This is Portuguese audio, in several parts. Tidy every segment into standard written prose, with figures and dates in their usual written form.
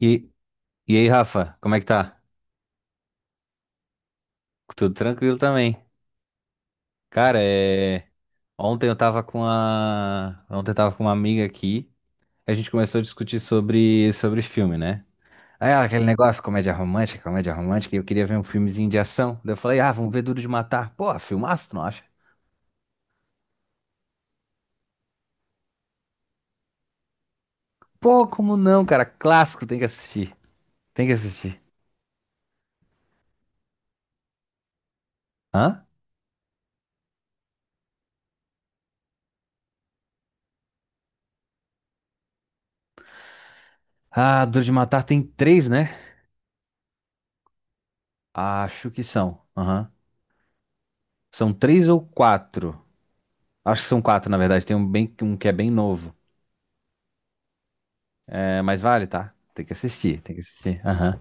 E, e aí, Rafa, como é que tá? Tudo tranquilo também. Cara, ontem eu tava com uma amiga aqui, a gente começou a discutir sobre filme, né? Aí ela, aquele negócio, comédia romântica, e eu queria ver um filmezinho de ação. Daí eu falei, ah, vamos ver Duro de Matar. Pô, filmaço, tu não acha? Pô, como não, cara? Clássico, tem que assistir. Tem que assistir. Hã? Ah, Duro de Matar tem três, né? Acho que são. Aham. São três ou quatro. Acho que são quatro, na verdade. Tem um, bem, um que é bem novo. É, mas vale, tá? Tem que assistir. Aham.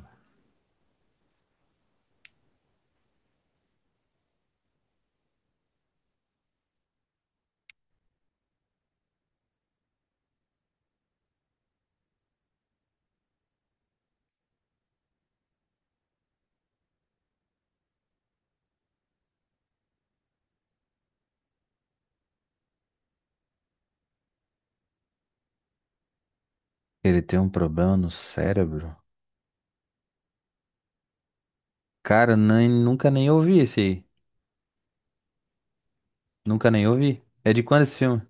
Ele tem um problema no cérebro? Cara, nem, nunca nem ouvi esse aí. Nunca nem ouvi. É de quando esse filme?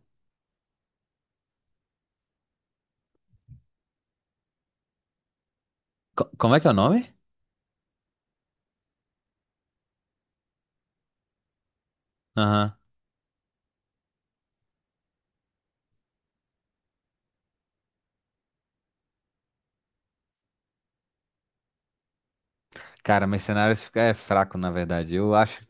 Como é que é o nome? Aham. Cara, Mercenários é fraco, na verdade. Eu acho,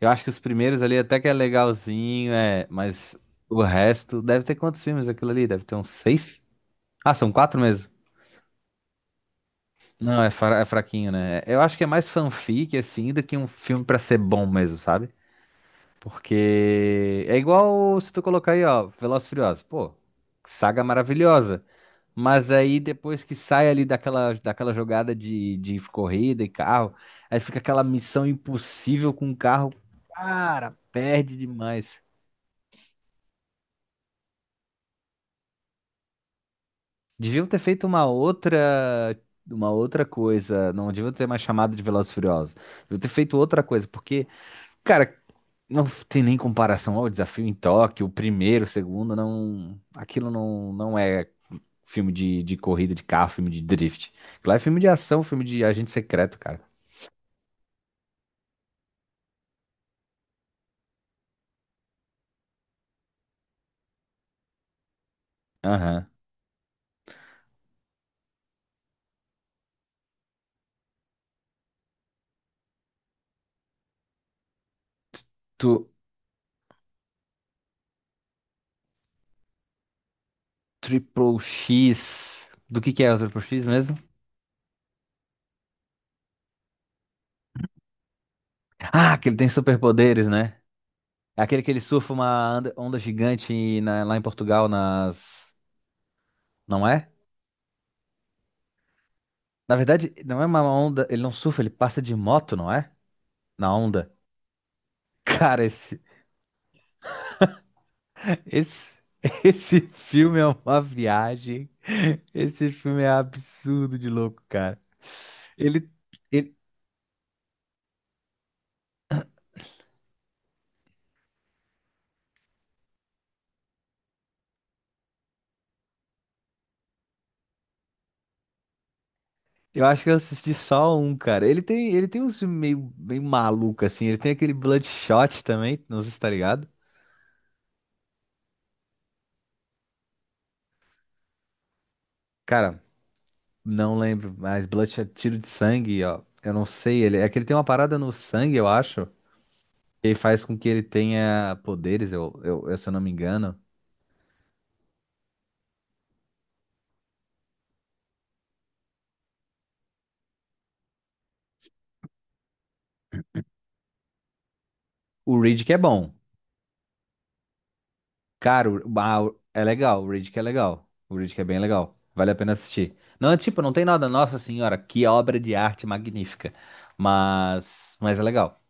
eu acho que os primeiros ali até que é legalzinho, é, mas o resto. Deve ter quantos filmes aquilo ali? Deve ter uns seis? Ah, são quatro mesmo. Não, é, é fraquinho, né? Eu acho que é mais fanfic, assim, do que um filme pra ser bom mesmo, sabe? Porque é igual se tu colocar aí, ó, Velozes e Furiosos. Pô, saga maravilhosa. Mas aí depois que sai ali daquela jogada de corrida e carro, aí fica aquela missão impossível com o carro. Cara, perde demais. Deviam ter feito uma outra coisa. Não deviam ter mais chamado de Velozes e Furiosos. Deviam ter feito outra coisa, porque, cara, não tem nem comparação ao desafio em Tóquio, o primeiro, o segundo, não, aquilo não é filme de corrida de carro, filme de drift. Lá é filme de ação, filme de agente secreto, cara. Aham. Tu, Triple X. Do que é o Triple X mesmo? Ah, que ele tem superpoderes, né? É aquele que ele surfa uma onda, onda gigante lá em Portugal, nas. Não é? Na verdade, não é uma onda. Ele não surfa, ele passa de moto, não é? Na onda. Cara, esse. Esse, esse filme é uma viagem. Esse filme é absurdo de louco, cara. Ele. ele, Eu acho que eu assisti só um, cara. Ele tem uns filmes meio maluco, assim. Ele tem aquele Bloodshot também, não sei se tá ligado. Cara, não lembro, mas Bloodshot, é tiro de sangue, ó. Eu não sei, ele, é que ele tem uma parada no sangue, eu acho, que faz com que ele tenha poderes, se eu não me engano. O Reed que é bom. Cara, é legal, o Reed que é legal. O Reed que é bem legal. Vale a pena assistir. Não, tipo, não tem nada, nossa senhora, que obra de arte magnífica. Mas é legal.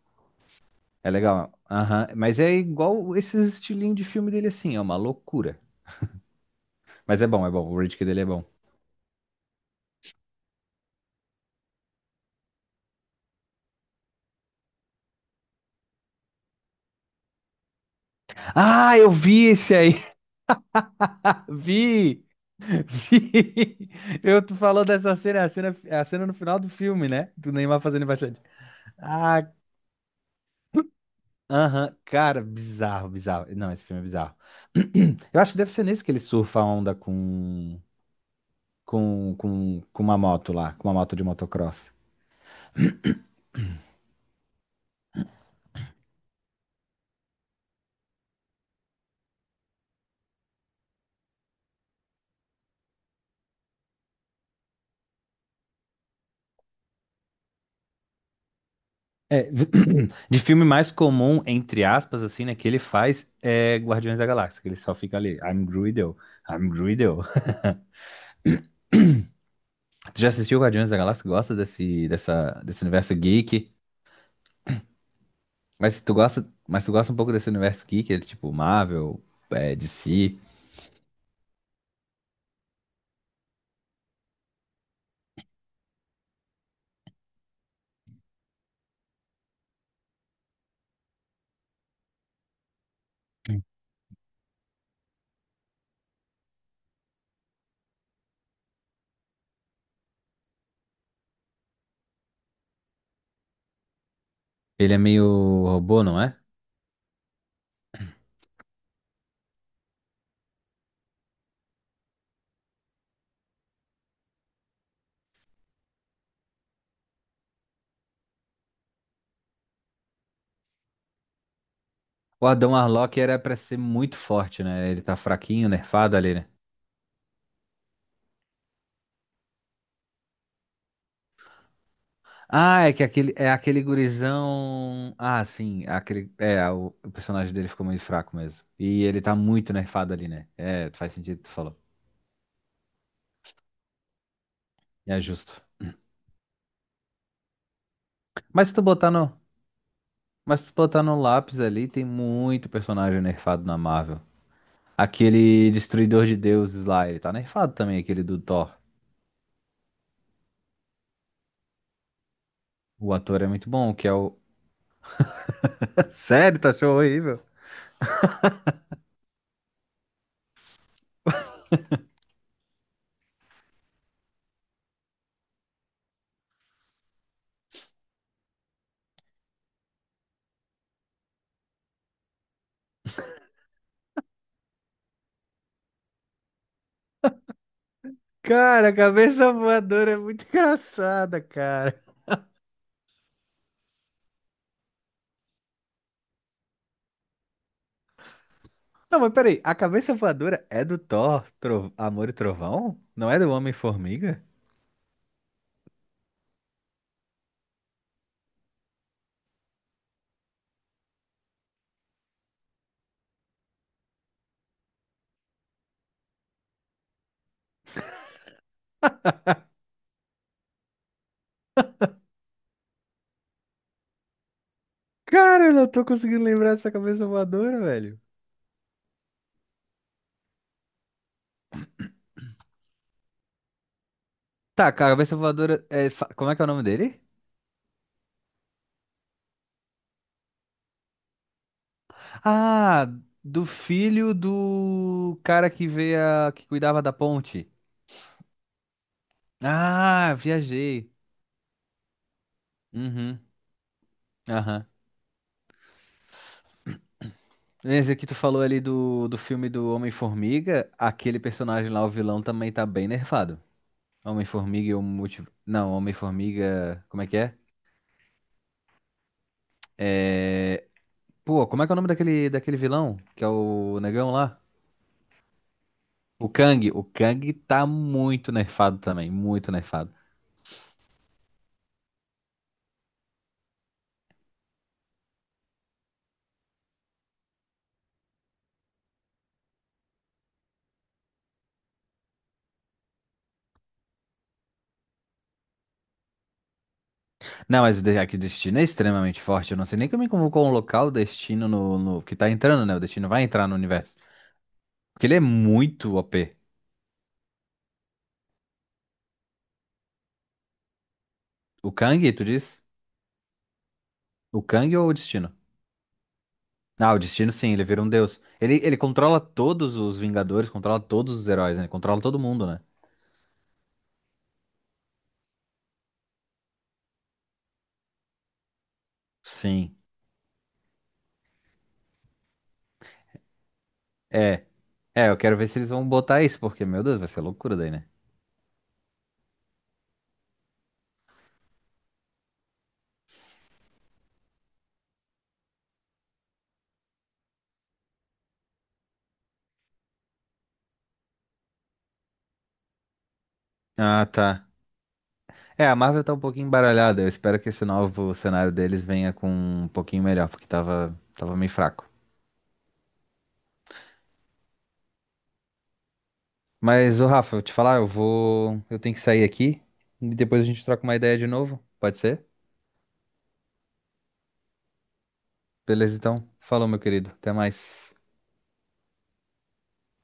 É legal. Aham. Mas é igual esses estilinhos de filme dele assim, é uma loucura. É bom. O Riddick dele é bom. Ah, eu vi esse aí. Vi! Vi! Eu tu falou dessa cena, a cena no final do filme, né? Do Neymar fazendo embaixadinha. Ah, aham. Cara, bizarro. Não, esse filme é bizarro. Eu acho que deve ser nesse que ele surfa a onda com, com uma moto lá, com uma moto de motocross. É, de filme mais comum, entre aspas, assim, né, que ele faz é Guardiões da Galáxia, que ele só fica ali, I'm Greedo. Tu já assistiu Guardiões da Galáxia? Gosta desse universo geek? Mas se tu gosta, mas tu gosta um pouco desse universo geek, ele, tipo Marvel, é, DC, ele é meio robô, não é? O Adam Arlock era pra ser muito forte, né? Ele tá fraquinho, nerfado ali, né? Ah, é que aquele, é aquele gurizão. Ah, sim, aquele. É, o personagem dele ficou meio fraco mesmo. E ele tá muito nerfado ali, né? É, faz sentido, o que tu falou. É justo. Mas se tu botar no. Mas se tu botar no lápis ali, tem muito personagem nerfado na Marvel. Aquele Destruidor de Deuses lá, ele tá nerfado também, aquele do Thor. O ator é muito bom, que é o. Sério, tu achou horrível? Cara, a cabeça voadora é muito engraçada, cara. Não, mas peraí, a cabeça voadora é do Thor, Amor e Trovão? Não é do Homem-Formiga? Cara, eu não tô conseguindo lembrar dessa cabeça voadora, velho. Tá, cabeça voadora é. Como é que é o nome dele? Ah, do filho do cara que veio que cuidava da ponte. Ah, viajei. Uhum. Aham. Esse que tu falou ali do filme do Homem-Formiga, aquele personagem lá, o vilão, também tá bem nerfado. Homem-Formiga e o multi... Não, Homem-Formiga. Como é que é? É, Pô, como é que é o nome daquele vilão? Que é o negão lá? O Kang. O Kang tá muito nerfado também. Muito nerfado. Não, mas o aqui o Destino é extremamente forte. Eu não sei nem como convocou um local o Destino no Que tá entrando, né? O Destino vai entrar no universo. Porque ele é muito OP. O Kang, tu diz? O Kang ou o Destino? Ah, o Destino sim, ele vira um deus. Ele controla todos os Vingadores, controla todos os heróis, né? Ele controla todo mundo, né? Sim. É. É, eu quero ver se eles vão botar isso, porque, meu Deus, vai ser loucura daí, né? Ah, tá. É, a Marvel tá um pouquinho embaralhada. Eu espero que esse novo cenário deles venha com um pouquinho melhor, porque tava meio fraco. Mas, ô Rafa, eu te falar, eu vou. Eu tenho que sair aqui e depois a gente troca uma ideia de novo. Pode ser? Beleza, então. Falou, meu querido. Até mais.